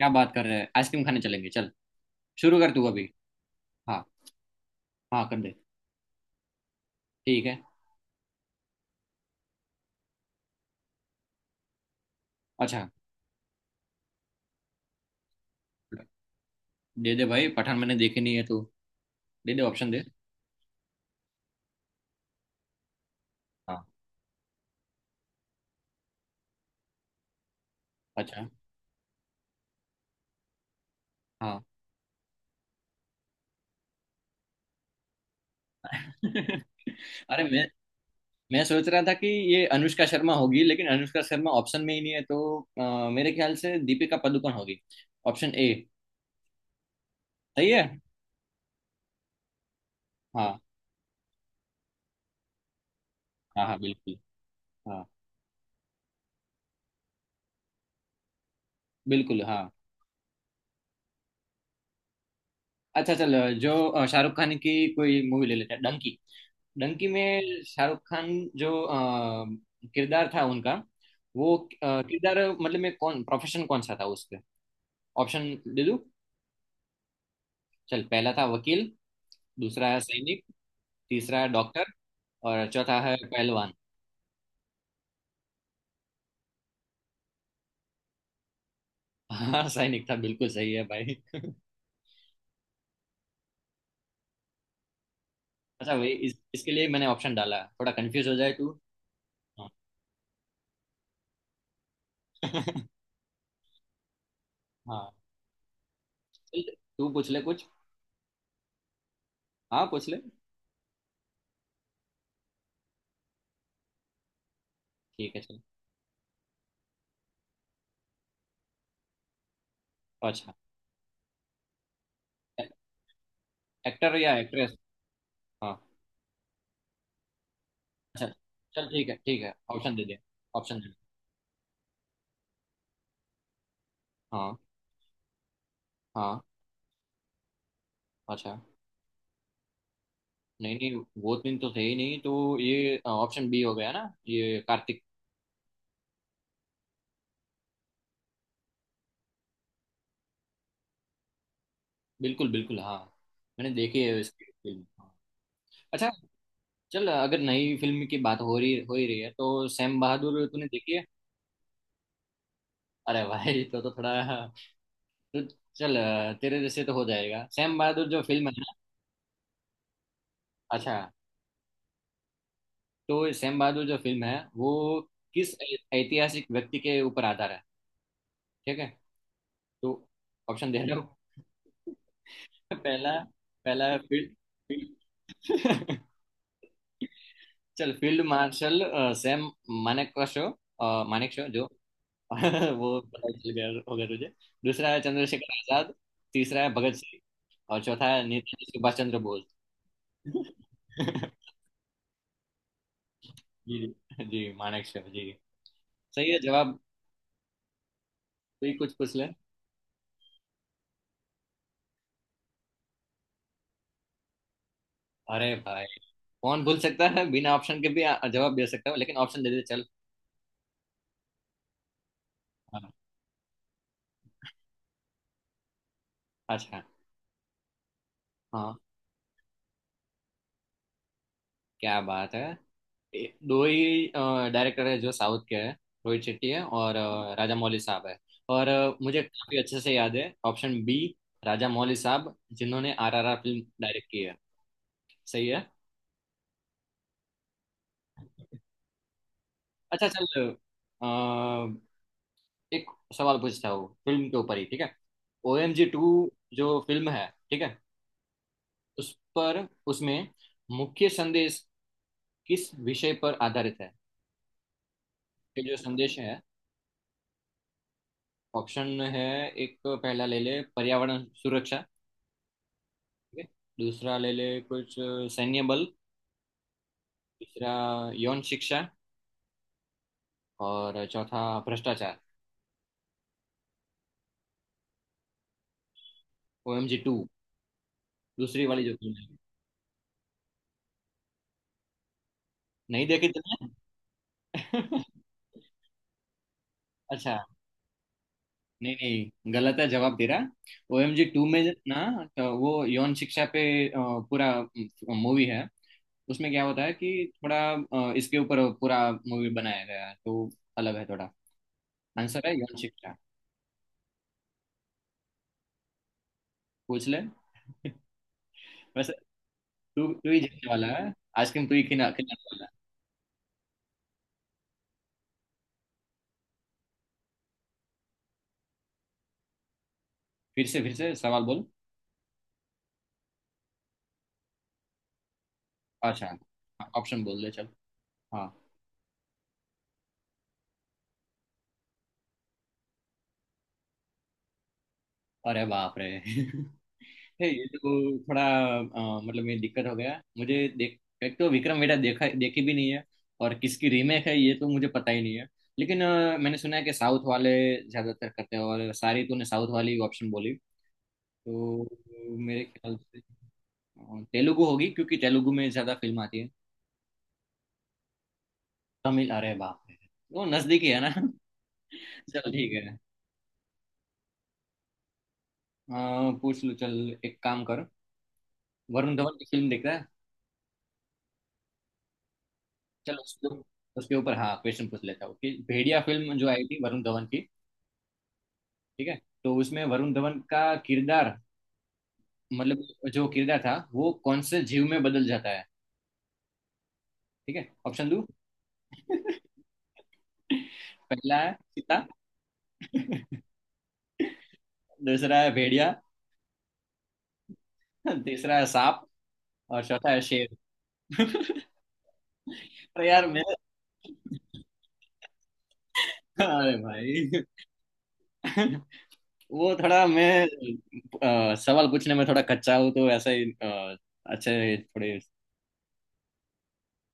क्या बात कर रहे हैं? आइसक्रीम खाने चलेंगे। चल शुरू कर तू अभी। हाँ। हाँ कर दे। ठीक है। अच्छा। दे दे भाई, पठान मैंने देखी नहीं है। तू दे दे, ऑप्शन दे। हाँ। अच्छा। हाँ। अरे मैं सोच रहा था कि ये अनुष्का शर्मा होगी, लेकिन अनुष्का शर्मा ऑप्शन में ही नहीं है, तो मेरे ख्याल से दीपिका पादुकोण होगी। Option A। सही है। हाँ, हाँ, हाँ, बिल्कुल। हाँ, बिल्कुल। हाँ। अच्छा चल। जो शाहरुख खान की कोई मूवी ले लेते हैं, डंकी। डंकी में शाहरुख खान जो किरदार था उनका, वो किरदार मतलब में कौन प्रोफेशन कौन सा था उसके? ऑप्शन दे दूं। चल, पहला था वकील, दूसरा है सैनिक, तीसरा है डॉक्टर, और चौथा है पहलवान। हाँ सैनिक था, बिल्कुल सही है भाई। अच्छा, वही इसके लिए मैंने ऑप्शन डाला, थोड़ा कंफ्यूज हो जाए तू। हाँ। हाँ, चल तू पूछ ले कुछ। हाँ पूछ ले। ठीक है चल। अच्छा। एक्टर या एक्ट्रेस? हाँ। अच्छा चल, ठीक है ठीक है, ऑप्शन दे दे। ऑप्शन दे दे। हाँ। हाँ। अच्छा। नहीं नहीं, वो दिन तो थे ही नहीं, तो ये ऑप्शन B हो गया ना, ये कार्तिक। बिल्कुल बिल्कुल, हाँ। मैंने देखी है इसकी फिल्म। हाँ। अच्छा चल, अगर नई फिल्म की बात हो रही हो ही रही है, तो सैम बहादुर तूने देखी है? अरे भाई, तो थोड़ा तो, चल तेरे जैसे तो हो जाएगा। सैम बहादुर जो फिल्म है ना, अच्छा, तो सैम बहादुर जो फिल्म है वो किस ऐतिहासिक व्यक्ति के ऊपर आधार है? ठीक है, तो ऑप्शन दे रहा हूँ। पहला पहला फील्ड। चल, फील्ड मार्शल सैम मानेक का शो, मानेक शो जो वो पता चल गया होगा तुझे। दूसरा है चंद्रशेखर आजाद, तीसरा है भगत सिंह, और चौथा है नेताजी सुभाष चंद्र बोस। जी जी जी, मानेक शो जी। सही है जवाब। कोई कुछ पूछ ले। अरे भाई, कौन भूल सकता है, बिना ऑप्शन के भी जवाब दे सकता हूँ, लेकिन ऑप्शन दे दे चल। हाँ, अच्छा। हाँ, क्या बात है। दो ही डायरेक्टर है जो साउथ के हैं, रोहित शेट्टी है और राजा मौली साहब है। और मुझे काफी अच्छे से याद है, ऑप्शन B, राजा मौली साहब, जिन्होंने RRR फिल्म डायरेक्ट की है। सही है। अच्छा चल, अ, एक सवाल पूछता हूँ फिल्म के ऊपर ही, ठीक है? OMG 2 जो फिल्म है, ठीक है, उस पर, उसमें मुख्य संदेश किस विषय पर आधारित है? ये जो संदेश है, ऑप्शन है। एक, पहला ले ले, पर्यावरण सुरक्षा है। दूसरा ले ले कुछ, सैन्य बल। तीसरा, यौन शिक्षा। और चौथा, भ्रष्टाचार। OMG 2, दूसरी वाली जो तुमने नहीं देखी तुमने? अच्छा, नहीं नहीं, गलत है जवाब दे रहा। OMG 2 में ना, तो वो यौन शिक्षा पे अ, पूरा मूवी है। उसमें क्या होता है कि थोड़ा इसके ऊपर पूरा मूवी बनाया गया है, तो अलग है थोड़ा। आंसर है, यौन शिक्षा। पूछ ले। वैसे, तू तू ही जीतने वाला है, आइसक्रीम तू ही खिलाने वाला है। फिर से सवाल बोल। अच्छा, ऑप्शन बोल दे चल। हाँ। अरे बाप रे। हे, ये तो थोड़ा मतलब ये दिक्कत हो गया मुझे। देख, एक तो विक्रम वेड़ा देखा देखी भी नहीं है, और किसकी रीमेक है ये तो मुझे पता ही नहीं है। लेकिन मैंने सुना है कि साउथ वाले ज्यादातर करते हैं, और सारी तूने साउथ वाली ऑप्शन बोली। तो मेरे ख्याल से तेलुगु होगी, क्योंकि तेलुगु में ज्यादा फिल्म आती है। तमिल? अरे बाप रे, वो नजदीकी है ना। चल ठीक है। पूछ लो चल। एक काम करो, वरुण धवन की फिल्म देख रहा है। चलो उसके उसके ऊपर हाँ क्वेश्चन पूछ लेता हूँ कि भेड़िया फिल्म जो आई थी वरुण धवन की, ठीक है? तो उसमें वरुण धवन का किरदार, मतलब जो किरदार था वो कौन से जीव में बदल जाता है? ठीक है, ऑप्शन दो। पहला है चीता। दूसरा है भेड़िया। तीसरा है सांप। और चौथा है शेर। अरे यार मैं, अरे भाई, वो थोड़ा मैं सवाल पूछने में थोड़ा कच्चा हूँ, तो ऐसा ही अच्छे थोड़े।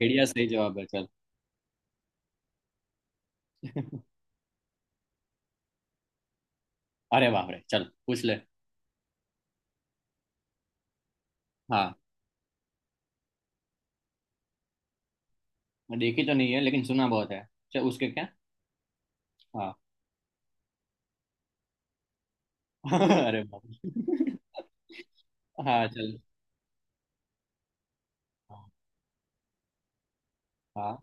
बढ़िया, सही जवाब है चल। अरे बाप रे, चल पूछ ले। हाँ। मैं देखी तो नहीं है, लेकिन सुना बहुत है। चल उसके क्या। हाँ। अरे बाप रे। हाँ चल। हाँ।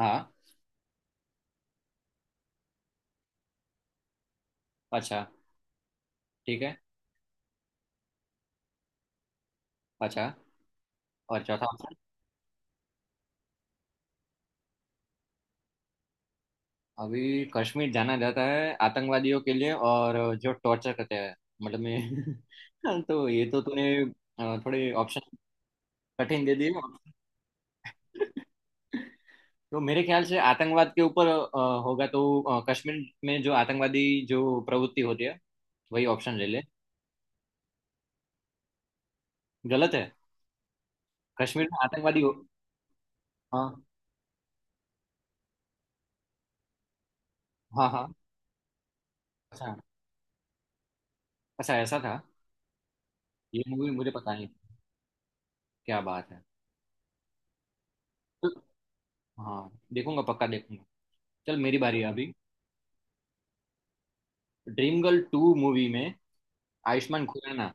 हाँ। अच्छा। ठीक है। अच्छा। और चौथा ऑप्शन? अभी कश्मीर जाना जाता है आतंकवादियों के लिए, और जो टॉर्चर करते हैं, मतलब मैं। तो ये तो तूने थोड़े ऑप्शन कठिन दे दिए। तो मेरे ख्याल से आतंकवाद के ऊपर होगा, तो कश्मीर में जो आतंकवादी जो प्रवृत्ति होती है, वही ऑप्शन ले ले। गलत है? कश्मीर में आतंकवादी हो। हाँ, हाँ, हाँ। अच्छा। अच्छा, ऐसा था। ये मूवी मुझे पता नहीं। क्या बात है। तो- हाँ देखूंगा, पक्का देखूंगा। चल मेरी बारी है अभी। Dream Girl 2 मूवी में आयुष्मान खुराना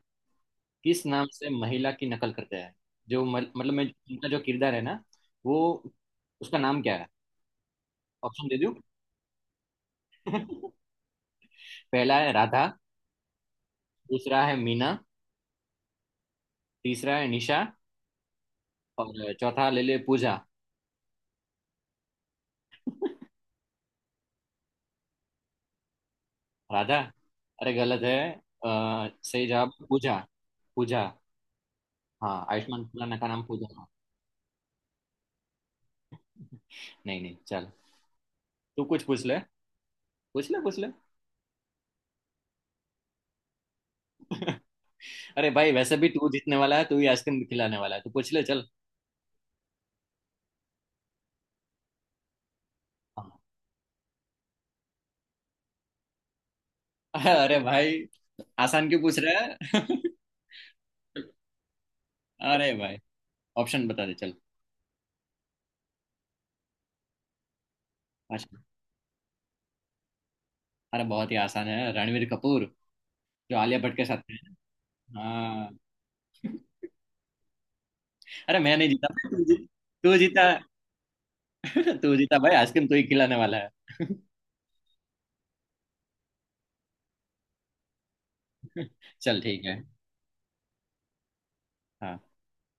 किस नाम से महिला की नकल करते हैं? जो मतलब मैं, उनका जो किरदार है ना, वो, उसका नाम क्या है? ऑप्शन दे दूँ। पहला है राधा। दूसरा है मीना। तीसरा है निशा। और चौथा ले ले, पूजा। राधा? अरे गलत है। अ, सही जवाब पूजा। पूजा। हाँ, आयुष्मान खुराना का नाम पूजा था। नहीं नहीं, चल तू कुछ पूछ ले। पूछ ले, पूछ ले। अरे भाई, वैसे भी तू जीतने वाला है, तू ही आइसक्रीम खिलाने वाला है, तू पूछ ले चल। हाँ। अरे भाई, आसान क्यों पूछ रहा है? अरे भाई, ऑप्शन बता दे चल। अच्छा, अरे बहुत ही आसान है, रणवीर कपूर, जो आलिया भट्ट के साथ थे। हाँ। अरे मैं नहीं जीता, तू जीत। तू जीता। तू जीता भाई, आइसक्रीम तू ही खिलाने वाला है। चल ठीक है। हाँ